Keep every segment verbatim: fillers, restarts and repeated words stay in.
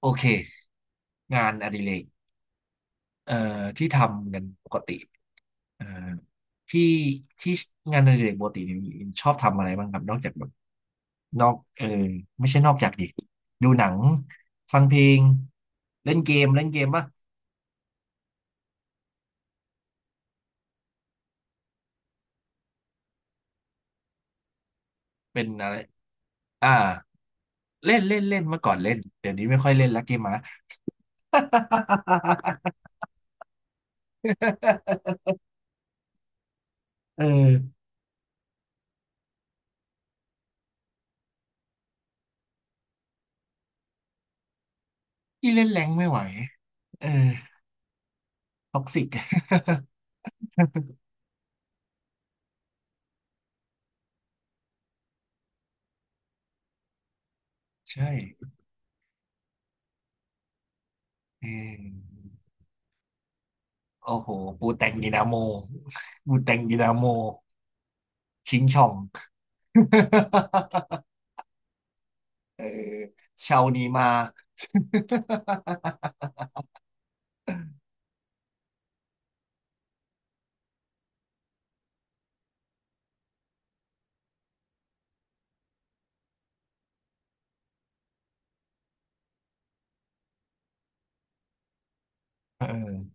โอเคงานอดิเรกเอ่อที่ทำกันปกติเอ่อที่ที่งานอดิเรกปกติเนี่ยชอบทำอะไรบ้างครับนอกจากแบบนอกเออไม่ใช่นอกจากดิดูหนังฟังเพลงเล่นเกมเล่นเกมป่ะเป็นอะไรอ่าเล่นเล่นเล่นเมื่อก่อนเล่นเดี๋ยวนี้ไม่ค่อยเล่นละเกมหมา เออพี่เล่นแรงไม่ไหวเออท็อกซิก ใช่เออ โอ้โหปูแต่งดินาโมปูแต่งดินาโมชิงช่อง เออเชานีมา เออ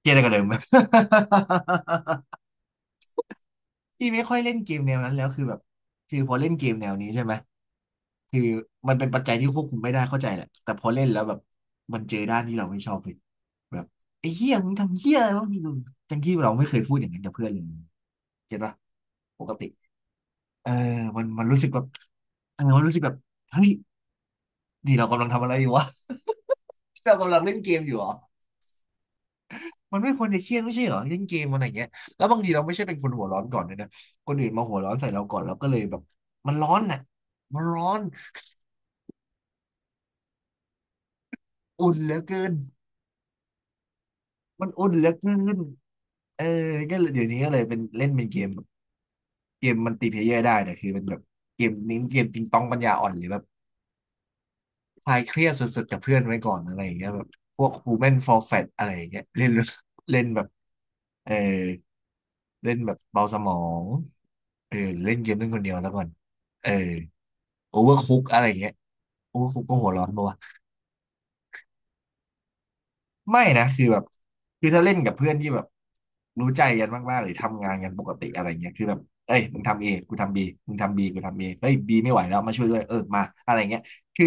เกลียดอะไรกันเลยมั้ย พี่ไม่ค่อยเล่นเกมแนวนั้นแล้วคือแบบคือพอเล่นเกมแนวนี้ใช่ไหม คือมันเป็นปัจจัยที่ควบคุมไม่ได้เข้าใจแหละแต่พอเล่นแล้วแบบมันเจอด้านที่เราไม่ชอบเลยแบบไอ้เหี้ยมึงทำเหี้ยอะไรวะมึงอย่างที่เราไม่เคยพูดอย่างนั้นกับเพื่อนเลยเก็ตปะปกติ เออมันมันรู้สึกแบบเออมันรู้สึกแบบเฮ้ยนี่เรากำลังทำอะไรอยู่วะ เรากำลังเล่นเกมอยู่เหรอมันไม่ควรจะเครียดไม่ใช่เหรอเล่นเกมมันอะไรางเงี้ยแล้วบางทีเราไม่ใช่เป็นคนหัวร้อนก่อนด้วยนะคนอื่นมาหัวร้อนใส่เราก่อนเราก็เลยแบบมันร้อนน่ะมันร้อนอุ่นเหลือเกินมันอุ่นเหลือเกินเออก็เลยเดี๋ยวนี้ก็เลยเป็นเล่นเป็นเกมแบบเกมมันติเพลเยอร์ได้แต่คือเป็นแบบเกมนี้เกมติงตองปัญญาอ่อนหรือแบบ คลายเครียดสุดๆกับเพื่อนไว้ก่อนอะไรอย่างเงี้ยแบบพวก Human for Fat อะไรอย่างเงี้ยเล่นเล่นแบบเออเล่นแบบเบาสมองเออเล่นเกมเล่นคนเดียวแล้วก่อนเออโอเวอร์คุกอะไรอย่างเงี้ยโอเวอร์คุกก็หัวร้อนปะวะไม่นะคือแบบคือถ้าเล่นกับเพื่อนที่แบบรู้ใจกันมากๆหรือทำงานกันปกติอะไรเงี้ยคือแบบเอ้ยมึงทำเอกูทำบีมึงทำบีกูทำเอเฮ้ยบีไม่ไหวแล้วมาช่วยด้วยเออมาอะไรเงี้ยคือ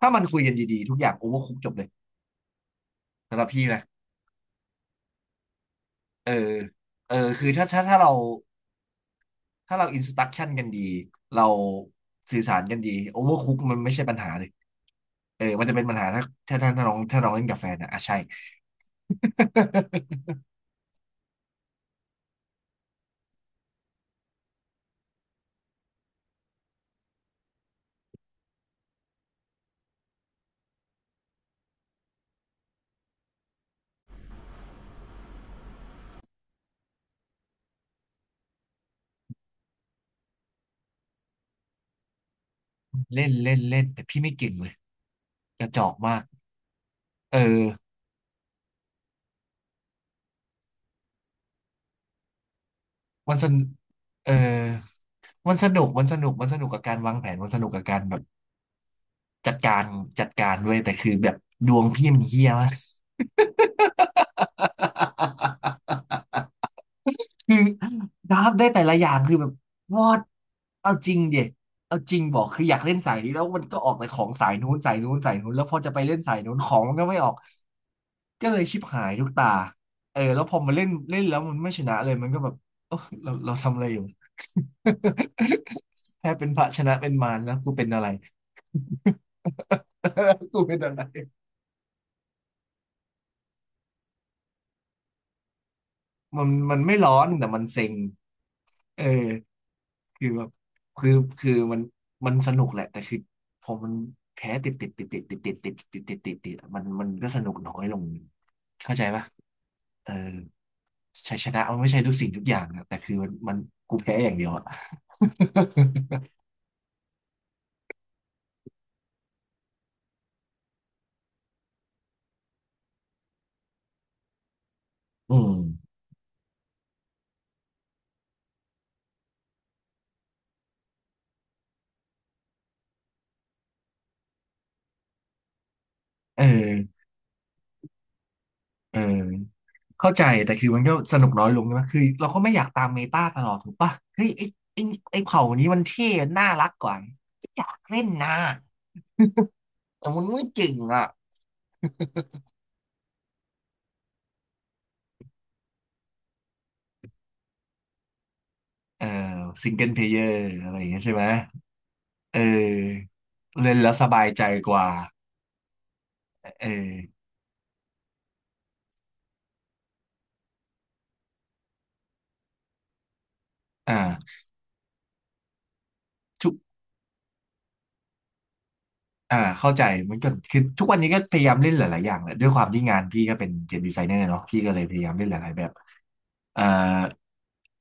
ถ้ามันคุยกันดีๆทุกอย่างโอเวอร์คุกจบเลยสำหรับพี่นะ เออเออ คือถ้าถ้าถ้าเราถ้าเราอินสต u ั t ชั่นกันดี เราสื่อสารกันดีโอเวอร์คุกมันไม่ใช่ปัญหาเลยเออ มันจะเป็นปัญหาถ้าถ้าถ้าถ้าน้องถ้าน้องเล่นกับแฟนอะอ่ะใช่ เล่นเล่นเล่นแต่พี่ไม่เก่งเลยกระจอกมาก เออมันสนเออมันสนุกมันสนุกมันสนุกกับการวางแผนมันสนุกกับการแบบจัดการจัดการด้วยแต่คือแบบดวงพี่มันเฮี้ยมาก คือดับได้แต่ละอย่างคือแบบวอดเอาจริงเด็เอาจริงบอกคืออยากเล่นสายนี้แล้วมันก็ออกแต่ของสายนู้นสายนู้นสายนู้นแล้วพอจะไปเล่นสายนู้นของมันก็ไม่ออกก็เลยชิบหายทุกตาเออแล้วพอมาเล่นเล่นแล้วมันไม่ชนะเลยมันก็แบบเออเราเราทำอะไรอยู่ แค่เป็นพระชนะเป็นมารแล้วกูเป็นอะไร กูเป็นอะไรมันมันไม่ร้อนแต่มันเซ็ง เออคือแบบคือคือมันมันสนุกแหละแต่คือพอมันแพ้ติดติดติดติดติดติดติดติดติดติดติดมันมันก็สนุกน้อยลงเข้าใจปะเออชัยชนะมันไม่ใช่ทุกสิ่งทุกอย่างนะแต่คือมันมันกูแพ้อย่างเดียวอะ อืมเออเออเข้าใจแต่คือมันก็สนุกน้อยลงใช่ไหมคือเราก็ไม่อยากตามเมตาตลอดถูกปะเฮ้ยไอ้ไอ้ไอ้เผ่านี้มันเท่น่ารักกว่าไม่อยากเล่นนะ แต่มันไม่เก่งอ่ะ เออซิงเกิลเพลเยอร์อะไรอย่างเงี้ยใช่ไหม เออเล่นแล้วสบายใจกว่า เอออ่าทุก อ่าเข้าใจมันก็คือทุกวันนี้ก็พยายามเล่นหลายๆอย่างแหละด้วยความที่งานพี่ก็เป็นเกมดีไซเนอร์เนาะพี่ก็เลยพยายามเล่นหลายๆแบบเอ่อ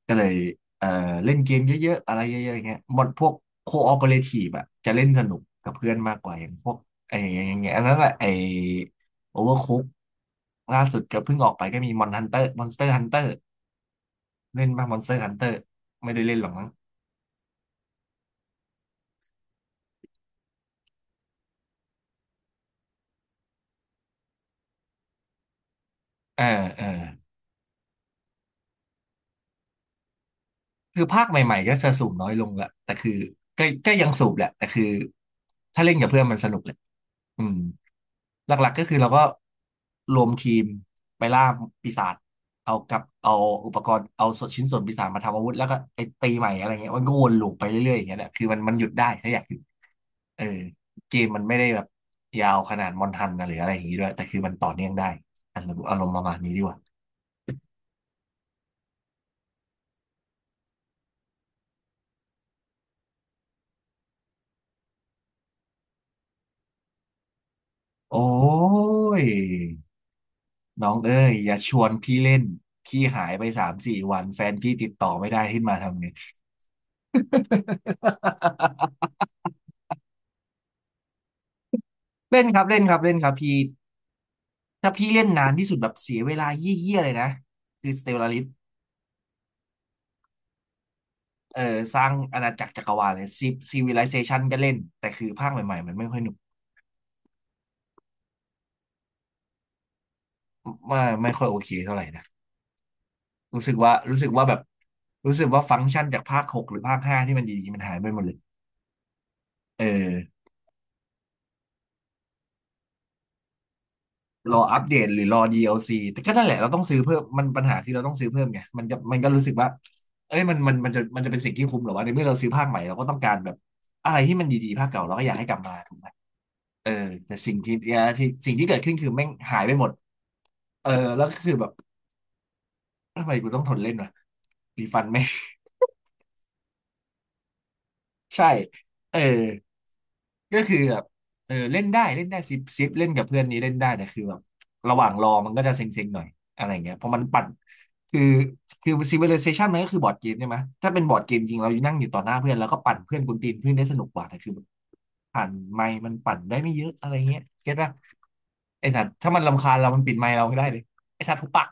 ก็เลยเอ่อเล่นเกมเยอะๆอะไรเยอะๆอย่างเงี้ยหมดพวกโคออเปเรทีฟอะจะเล่นสนุกกับเพื่อนมากกว่าอย่างพวกไอ้อย่างเงี้ยอันนั้นแหละไอ้โอเวอร์คุกล่าสุดก็เพิ่งออกไปก็มีมอนฮันเตอร์มอนสเตอร์ฮันเตอร์เล่นบ้างมอนสเตอร์ฮันเตอร์ไม่ได้เล่นหรอกมั้งเออเออ คือภาคใหม่ๆก็จะสูบน้อยลงแหละแต่คือก็ก็ยังสูบแหละ แต่คือถ้าเล่นกับเพื่อนมันสนุกแหละอืมหลักๆก็คือเราก็รวมทีมไปล่าปีศาจเอากับเอาอุปกรณ์เอาส่วนชิ้นส่วนปีศาจมาทำอาวุธแล้วก็ไปตีใหม่อะไรเงี้ยมันก็วนลูปไปเรื่อยๆอย่างเงี้ยแหละคือมันมันหยุดได้ถ้าอยากหยุดเออเกมมันไม่ได้แบบยาวขนาดมอนทันนะหรืออะไรอย่างงี้ด้วยแต่คือมันต่อเนื่องได้อารมณ์อารมณ์ประมาณนี้ดีกว่าโอ้ย น้องเอ้ยอย่าชวนพี่เล่นพี่หายไปสามสี่วันแฟนพี่ติดต่อไม่ได้ขึ้นมาทำไง เล่นครับเล่นครับเล่นครับพี่ถ้าพี่เล่นนานที่สุดแบบเสียเวลาเยี่ยๆเลยนะคือสเตลลาริสเอ่อสร้างอาณาจักรจักรวาลเลยซีซีวิไลเซชันก็เล่นแต่คือภาคใหม่ๆมันไม่ค่อยหนุกไม่ไม่ค่อยโอเคเท่าไหร่นะรู้สึกว่ารู้สึกว่าแบบรู้สึกว่าฟังก์ชันจากภาคหกหรือภาคห้าที่มันดีๆมันหายไปหมดเลยเออ รออัปเดตหรือรอ ดี แอล ซี แอลซีแต่ก็นั่นแหละเราต้องซื้อเพิ่มมันปัญหาคือเราต้องซื้อเพิ่มไงมันจะมันก็รู้สึกว่าเอ้ยมันมันมันจะมันจะเป็นสิ่งที่คุ้มเหรอวะในเมื่อเราซื้อภาคใหม่เราก็ต้องการแบบอะไรที่มันดีๆภาคเก่าเราก็อยากให้กลับมาถูกไหมเออแต่สิ่งที่ที่สิ่งที่เกิดขึ้นคือแม่งหายไปหมดเออแล้วก็คือแบบทำไมกูต้องทนเล่นวะรีฟันไหมง ใช่เออก็คือแบบเออเล่นได้เล่นได้ซิปซิปเล่นกับเพื่อนนี้เล่นได้แต่คือแบบระหว่างรอมันก็จะเซ็งๆหน่อยอะไรเงี้ยเพราะมันปั่นคือคือ Civilization มันก็คือบอร์ดเกมใช่ไหมถ้าเป็นบอร์ดเกมจริงเรานั่งอยู่ต่อหน้าเพื่อนแล้วก็ปั่นเพื่อนกวนตีนเพื่อนได้สนุกกว่าแต่คือผ่านไมค์มันปั่นได้ไม่เยอะอะไรเงี้ยเก็ตป่ะไอ้สัตว์ถ้ามันรำคาญเรามันปิดไมค์เราไม่ได้เลยไอ้สัตว์ทุบปาก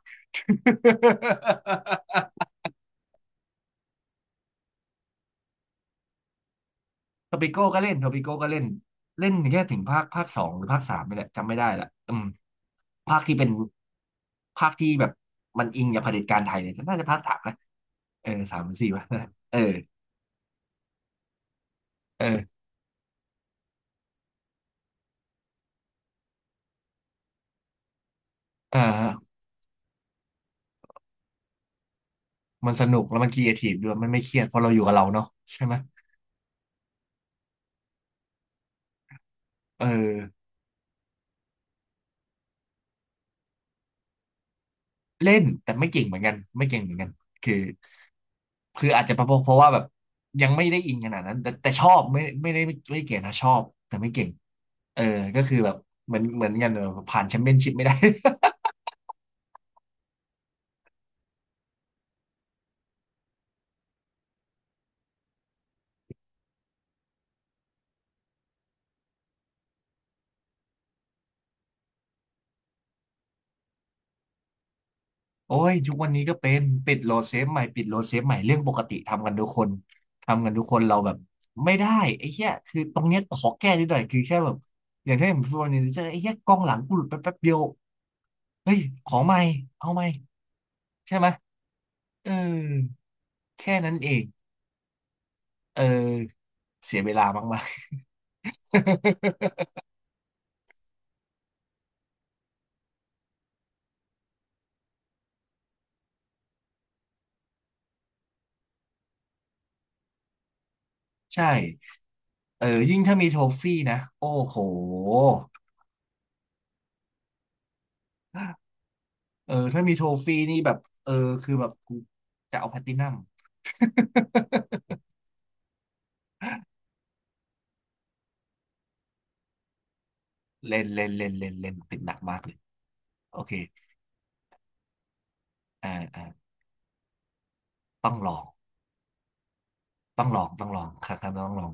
ทอปิโก้ก็เล่นทอปิโก้ก็เล่นเล่นแค่ถึงภาคภาคสองหรือภาคสามนี่แหละจำไม่ได้ละอืมภาคที่เป็นภาคที่แบบมันอิงกับเผด็จการไทยเนี่ยน่าจะภาคสามนะเออสามหรือสี่วะ นั่นแหละเออเอออ่ามันสนุกแล้วมันครีเอทีฟด้วยมันไม่เครียดเพราะเราอยู่กับเราเนาะใช่ไหมเออ เล่นแต่ไม่เก่งเหมือนกันไม่เก่งเหมือนกันคือคืออาจจะเพราะเพราะว่าแบบยังไม่ได้อินขนาดนั้นแต่แต่ชอบไม่ไม่ได้ไม่เก่งนะชอบแต่ไม่เก่งเออก็คือแบบเหมือนเหมือนกันเออผ่านแชมเปี้ยนชิพไม่ได้ โอ้ยทุกวันนี้ก็เป็นปิดโหลดเซฟใหม่ปิดโหลดเซฟใหม่เรื่องปกติทำกันทุกคนทำกันทุกคนเราแบบไม่ได้ไอ้เหี้ยคือตรงเนี้ยขอแก้นิดหน่อยคือแค่แบบอย่างที่ผมพูดวันนี้เจะไอ้เหี้ยกองหลังกูหลุดไปแป๊บเดียวเฮ้ยขอใหม่เอาใหม่ใช่ไหมเออ แค่นั้นเองเออเสียเวลามากๆ ใช่เออยิ่งถ้ามีโทฟี่นะ โอ้โหเออถ้ามีโทฟี่นี่แบบเออคือแบบกูจะเอาแพลตตินัม เล่นเล่นเล่นเล่นเล่นติดหนักมากเลย โอเคอ่าอ่าต้องลองต้องลองต้องลองครั้งหน้าต้องลอง